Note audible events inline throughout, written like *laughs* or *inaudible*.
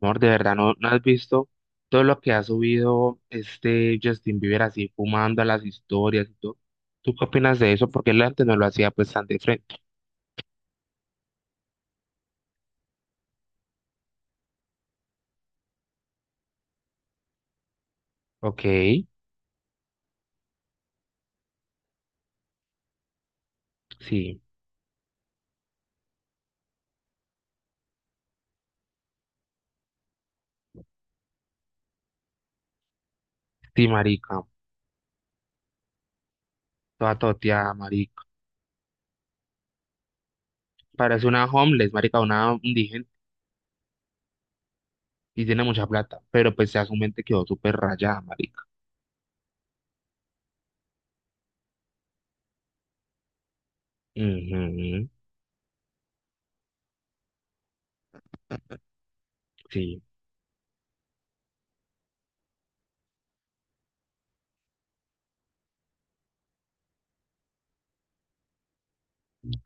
Amor, de verdad, ¿no, no has visto todo lo que ha subido este Justin Bieber así fumando a las historias y todo? ¿Tú qué opinas de eso? Porque él antes no lo hacía pues tan de frente. Ok. Sí, sí, marica, toda toteada, marica. Parece una homeless, marica, una indigente y tiene mucha plata, pero pues ya su mente quedó súper rayada, marica. Ujú. Sí,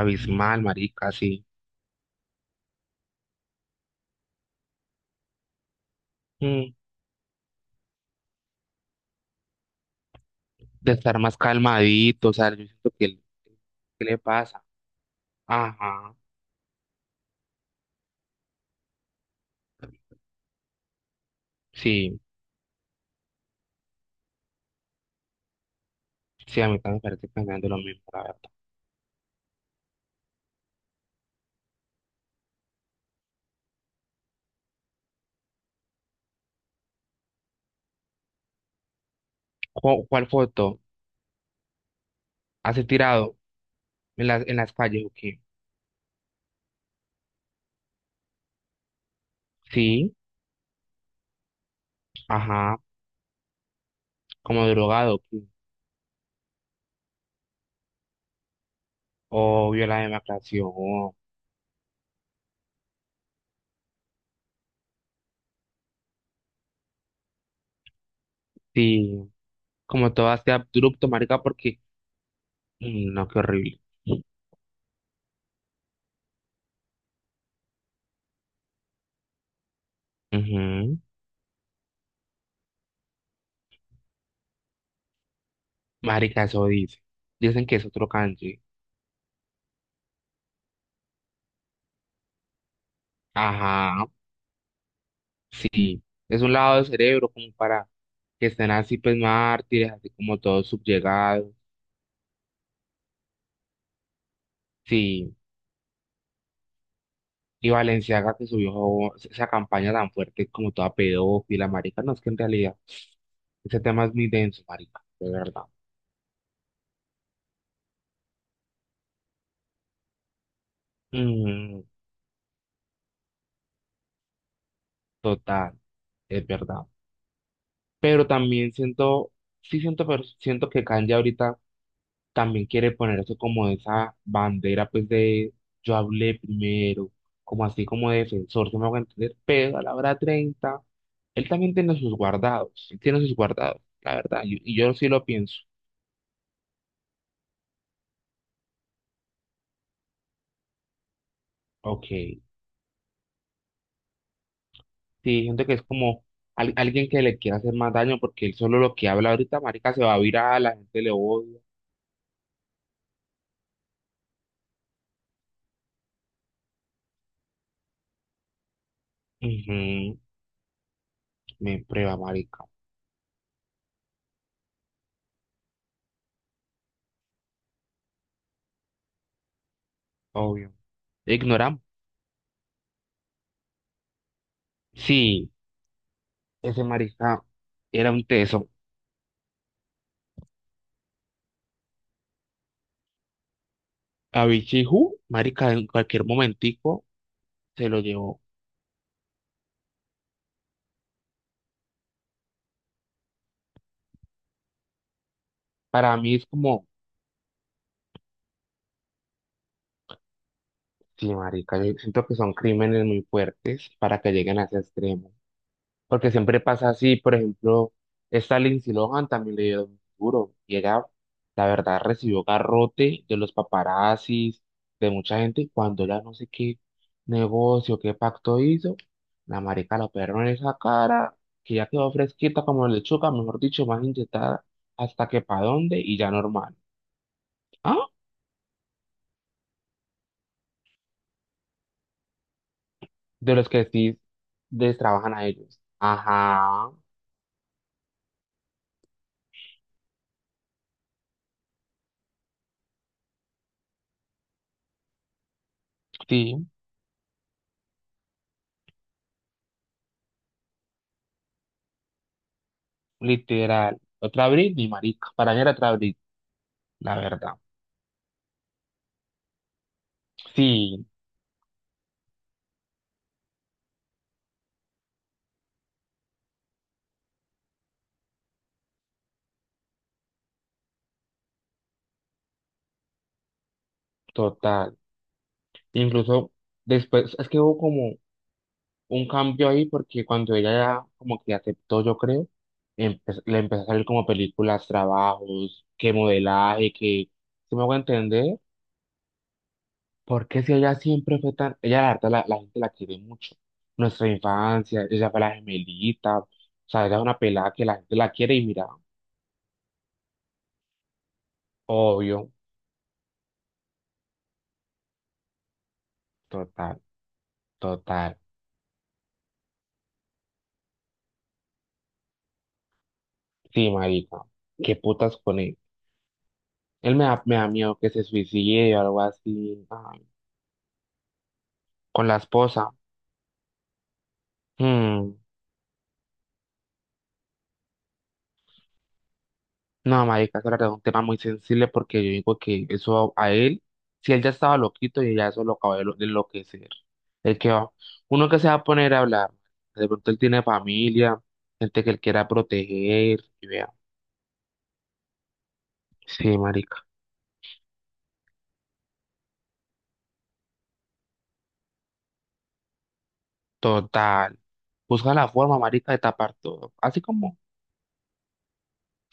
abismal, marica, sí. Mm, de estar más calmadito, o sea, yo siento que ¿qué le pasa? Ajá, sí. Sí, a mí también me parece pensando lo mismo, la verdad. ¿Cuál foto has tirado en en las calles o qué? Sí, ajá, como drogado, ¿o qué? Obvio, la demacración, sí, como todo este abrupto, marica, porque, mm, no, qué horrible. Ujú. Marica, eso dice. Dicen que es otro kanji. Ajá, sí. Es un lado del cerebro como para que estén así, pues, mártires, así como todos subyugados. Sí. Y Valenciaga que subió esa campaña tan fuerte como toda pedófila, marica. No, es que en realidad ese tema es muy denso, marica, de verdad. Mm, total, es verdad. Pero también siento, sí siento, pero siento que Kanye ahorita también quiere poner eso como esa bandera, pues de yo hablé primero, como así como defensor, se me hago entender, pero a la hora 30 él también tiene sus guardados, él tiene sus guardados, la verdad, y yo sí lo pienso. Ok. Sí, gente que es como alguien que le quiere hacer más daño porque él solo lo que habla ahorita, marica, se va a virar, la gente le odia. Ujú. Me prueba, marica, obvio. Ignoramos. Sí, ese marica era un teso. A Bichiju, marica, en cualquier momentico se lo llevó. Para mí es como, sí, marica, yo siento que son crímenes muy fuertes para que lleguen a ese extremo. Porque siempre pasa así, por ejemplo, esta Lindsay Lohan también le dio duro. Y ella, la verdad, recibió garrote de los paparazzis, de mucha gente, y cuando ella no sé qué negocio, qué pacto hizo, la marica la operó en esa cara, que ya quedó fresquita como lechuga, mejor dicho, más inyectada, hasta que pa' dónde, y ya normal. ¿Ah? De los que sí les trabajan a ellos. Ajá, sí, literal. Otra Britney, marica. Para mí era otra Britney, la verdad. Sí, total. Incluso después, es que hubo como un cambio ahí porque cuando ella ya como que aceptó, yo creo, le empezó a salir como películas, trabajos, que modelaje, que si me hago entender, porque si ella siempre fue tan, ella la verdad la gente la quiere mucho. Nuestra infancia, ella fue la gemelita, o sea, ella es una pelada que la gente la quiere y mira, obvio, total, total. Sí, marica, qué putas con ella. Él me da miedo que se suicide o algo así, ay, con la esposa. Hmm. No, marica, eso era un tema muy sensible porque yo digo que eso a él, si él ya estaba loquito y ya eso lo acabó de enloquecer. El que va, uno que se va a poner a hablar, de pronto él tiene familia, gente que él quiera proteger, y vea. Sí, marica, total. Busca la forma, marica, de tapar todo. Así como,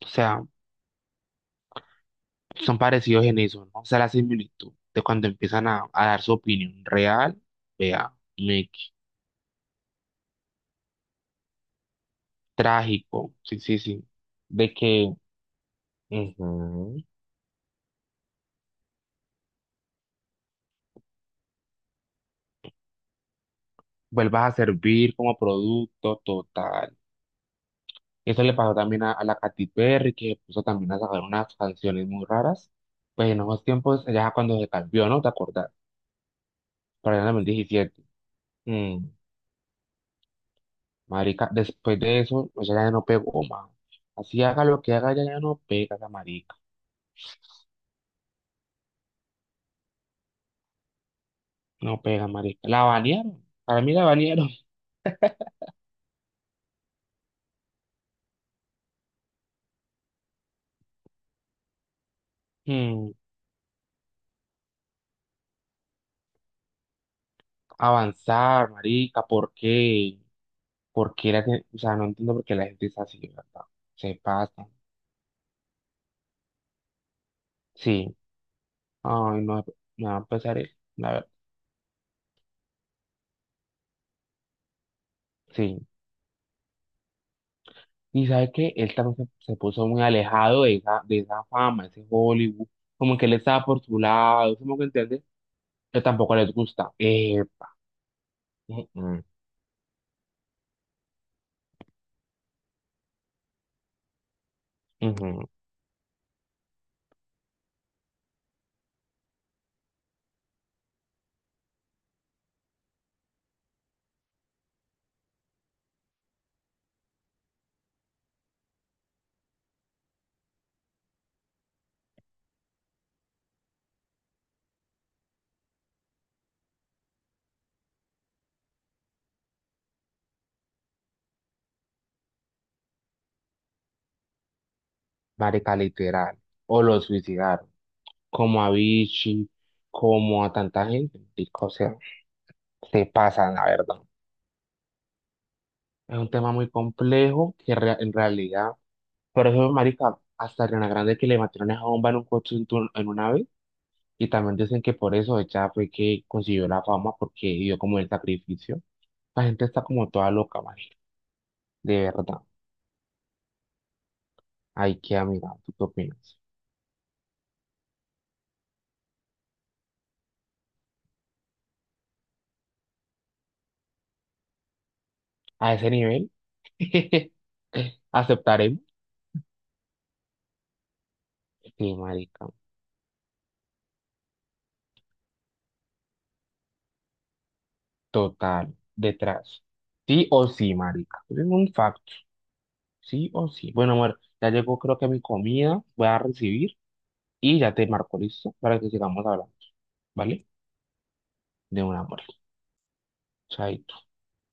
o sea. Son parecidos en eso, ¿no? O sea, la similitud de cuando empiezan a dar su opinión real, vea, Mickey, trágico, sí, sí, sí, de que ujú, vuelvas a servir como producto total. Eso le pasó también a la Katy Perry, que puso también a sacar unas canciones muy raras, pues en esos tiempos, ya cuando se cambió, ¿no? ¿Te acordás? Para el 2017. Mm, marica, después de eso, o sea, ya no pegó más. Así haga lo que haga, ya, ya no pega esa marica. No pega, marica. La banearon. Para mí la banearon. *laughs* Hmm. Avanzar, marica. ¿Por qué? ¿Por qué la gente? O sea, no entiendo por qué la gente es así, ¿verdad? Se pasa. Sí. Ay, no. Me va a empezar él. La verdad. Sí. Y sabe que él también se puso muy alejado de esa fama, ese Hollywood. Como que él estaba por su lado. ¿Sí me entiende? Pero tampoco les gusta. Epa. Ujú, ujú. Marica, literal. O lo suicidaron. Como a Vichy, como a tanta gente, marica, o sea, se pasan, la verdad. Es un tema muy complejo que en realidad, por eso, marica, hasta Ariana Grande que le metieron esa bomba en un coche en, en un ave, y también dicen que por eso ella fue que consiguió la fama, porque dio como el sacrificio. La gente está como toda loca, marica, de verdad. Hay que mirar, ¿tú qué opinas? A ese nivel, *laughs* aceptaremos. Sí, marica. Total, detrás. Sí o sí, marica. Es un facto. Sí o sí. Bueno, amor, ya llegó creo que mi comida. Voy a recibir y ya te marco listo para que sigamos hablando. ¿Vale? De un amor. Chaito.